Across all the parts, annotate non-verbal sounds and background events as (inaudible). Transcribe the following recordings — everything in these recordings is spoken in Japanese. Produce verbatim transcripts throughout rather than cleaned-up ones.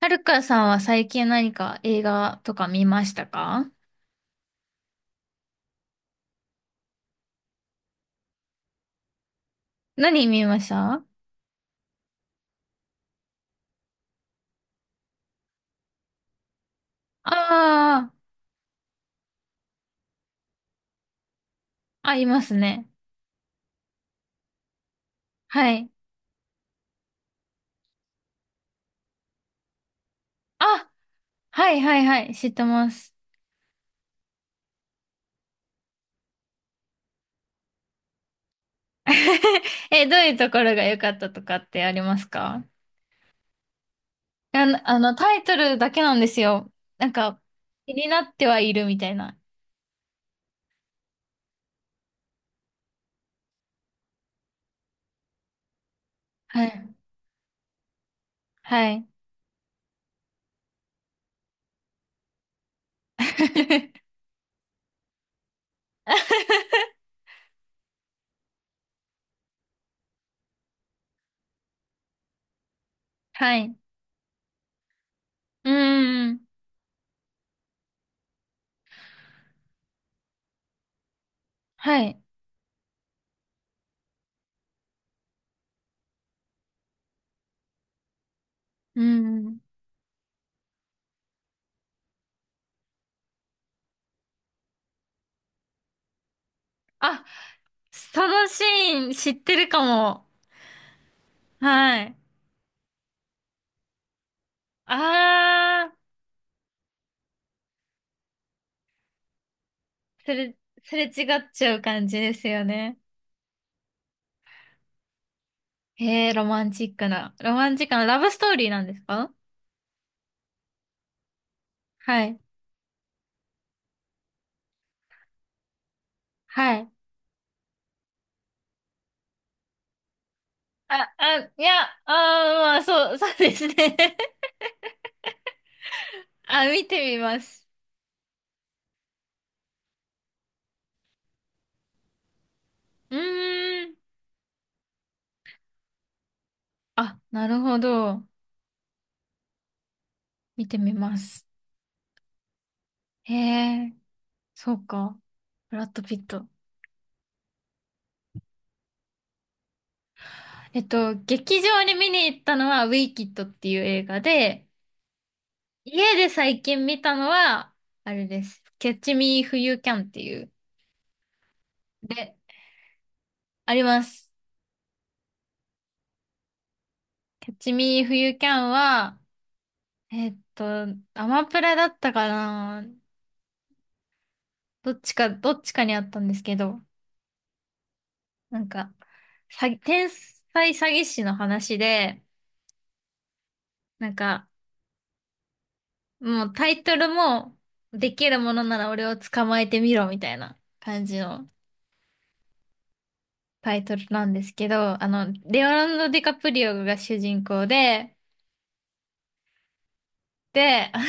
はるかさんは最近何か映画とか見ましたか？何見ましたあ？あー、あ、いますね。はい。あ、はいはいはい、知ってます。(laughs) え、どういうところが良かったとかってありますか？あの、あの、タイトルだけなんですよ。なんか、気になってはいるみたいな。はい。はい。(laughs) はい。うーん。はい。うーん。あ、そのシーン知ってるかも。はい。ああ、すれ、すれ違っちゃう感じですよね。へえ、ロマンチックな。ロマンチックなラブストーリーなんですか？はい。はい。あ、あ、いや、ああ、いやあ、まあ、そう、(laughs) そうですね。(laughs) あ、見てみます。うーん。あ、なるほど。見てみます。へえ、そうか。ブラッド・ピット。えっと、劇場に見に行ったのは、ウィキッドっていう映画で、家で最近見たのは、あれです。キャッチミーフユーキャンっていう。で、あります。キャッチミーフユーキャンは、えーっと、アマプラだったかな。どっちか、どっちかにあったんですけど、なんか、詐欺、天才詐欺師の話で、なんか、もうタイトルも、できるものなら俺を捕まえてみろみたいな感じのタイトルなんですけど、あの、レオナルド・ディカプリオが主人公で、で、あ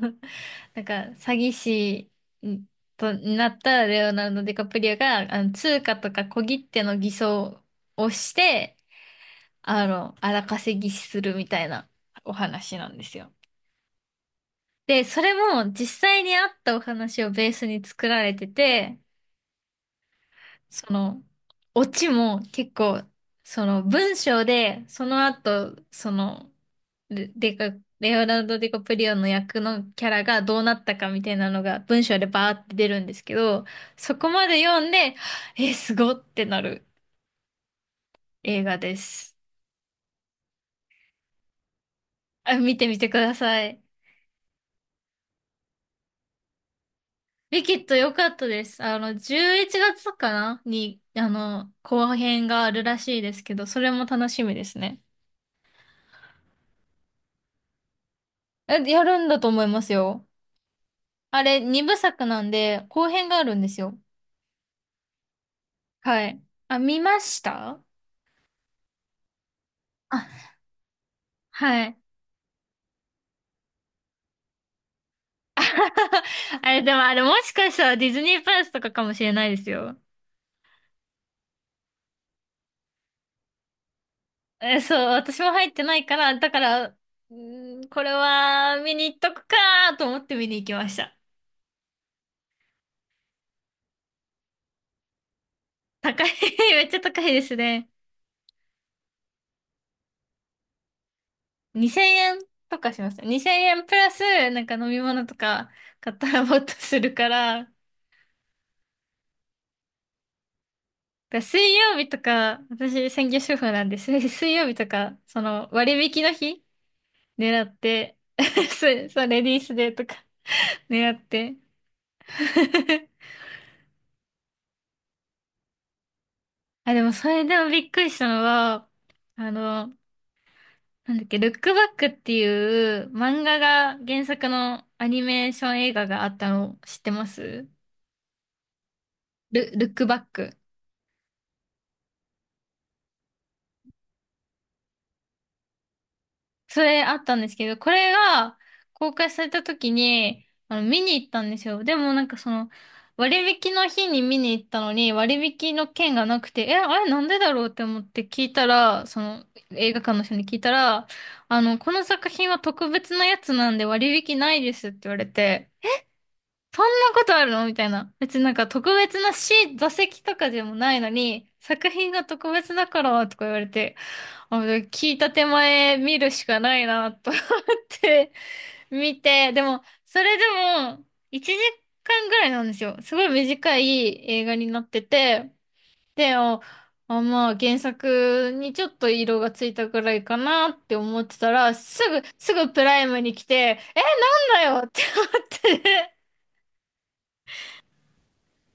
の、 (laughs) なんか詐欺師んとになったレオナルド・ディカプリオが、あの、通貨とか小切手の偽装をして、あの、荒稼ぎするみたいなお話なんですよ。で、それも実際にあったお話をベースに作られてて、その、オチも結構、その文章で、その後、その、レデカ、レオナルド・ディカプリオの役のキャラがどうなったかみたいなのが文章でバーって出るんですけど、そこまで読んで、え、すごってなる映画です。あ、見てみてください。ウィキッド良かったです。あの、じゅういちがつかなに、あの、後編があるらしいですけど、それも楽しみですね。え、やるんだと思いますよ。あれ、二部作なんで、後編があるんですよ。はい。あ、見ました？あ、はい。(laughs) あれ、でもあれ、もしかしたらディズニープラスとかかもしれないですよ。え、そう、私も入ってないから、だから、うーん、これは見に行っとくかーと思って見に行きました。高い、(laughs) めっちゃ高いですね。にせんえんとかしました。にせんえんプラス、なんか飲み物とか買ったらもっとするから、だから水曜日とか、私専業主婦なんです、(laughs) 水曜日とか、その割引の日狙って、(laughs) そうそう、レディースデーとか狙って。(laughs) あ、でもそれでもびっくりしたのは、あの、なんだっけ、ルックバックっていう漫画が原作のアニメーション映画があったの知ってます？ル、ルックバック。それあったんですけど、これが公開された時に、あの、見に行ったんですよ。でもなんかその、割引の日に見に行ったのに、割引の券がなくて、え、あれなんでだろうって思って聞いたら、その、映画館の人に聞いたら、あの、この作品は特別なやつなんで割引ないですって言われて、そんなことあるのみたいな。別になんか特別なシー、座席とかでもないのに、作品が特別だからとか言われて、あ、聞いた手前見るしかないなと、って見て、でも、それでも、いちじかんぐらいなんですよ。すごい短い映画になってて、で、あ、あ、まあ、原作にちょっと色がついたぐらいかなって思ってたら、すぐ、すぐプライムに来て、え、なんだよって思って。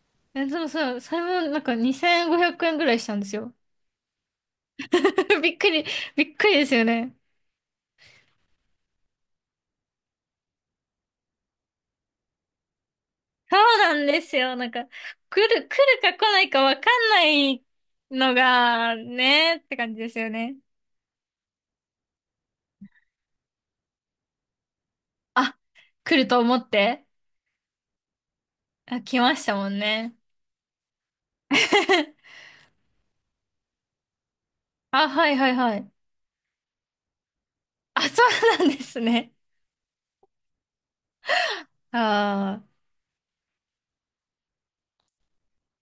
(laughs) え、でもさ、それもなんかにせんごひゃくえんぐらいしたんですよ。(laughs) びっくり、びっくりですよね。そうなんですよ。なんか、来る、来るか来ないかわかんないのが、ね、って感じですよね。あ、来ると思って。あ、来ましたもんね。(laughs) あ、はいはいはい。あ、そうなんですね。あ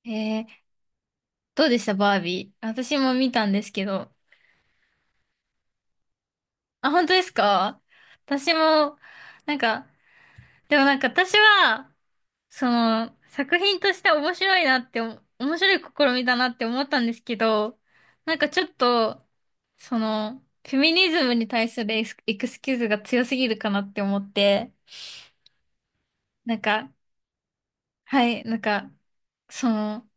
あ、えー、どうでしたバービー。私も見たんですけど。あ、本当ですか？私も、なんか、でもなんか私は、その、作品として面白いなってお、面白い試みだなって思ったんですけど、なんかちょっと、その、フェミニズムに対するエスエクスキューズが強すぎるかなって思って、なんか、はい、なんか、その、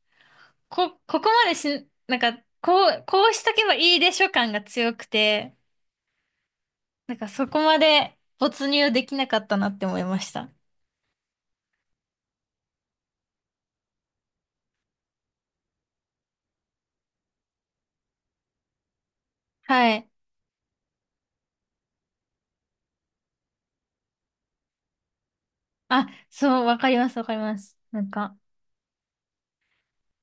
こ、ここまでし、なんか、こう、こうしとけばいいでしょ感が強くて、なんかそこまで没入できなかったなって思いました。はい。あ、そう、わかります、わかります。なんか、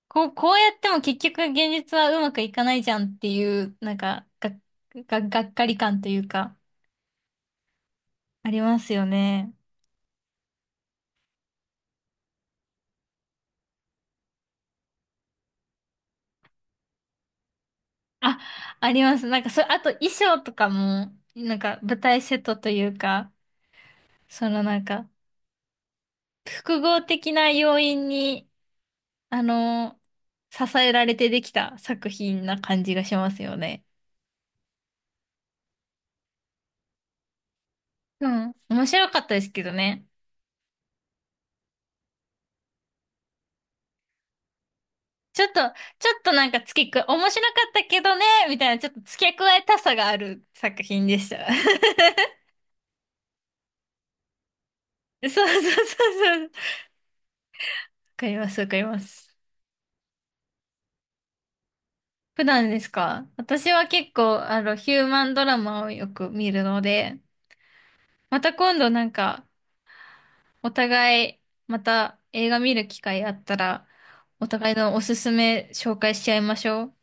こう、こうやっても結局現実はうまくいかないじゃんっていう、なんか、が、が、がっかり感というか、ありますよね。あ、あります。なんか、そ、あと衣装とかも、なんか舞台セットというか、そのなんか、複合的な要因に、あの、支えられてできた作品な感じがしますよね。うん。面白かったですけどね。ちょっと、ちょっとなんか付け加、面白かったけどね、みたいな、ちょっと付け加えたさがある作品でした。(laughs) そうそうそうそう。わかります、わかります。普段ですか？私は結構、あの、ヒューマンドラマをよく見るので、また今度なんか、お互い、また映画見る機会あったら、お互いのおすすめ紹介しちゃいましょう。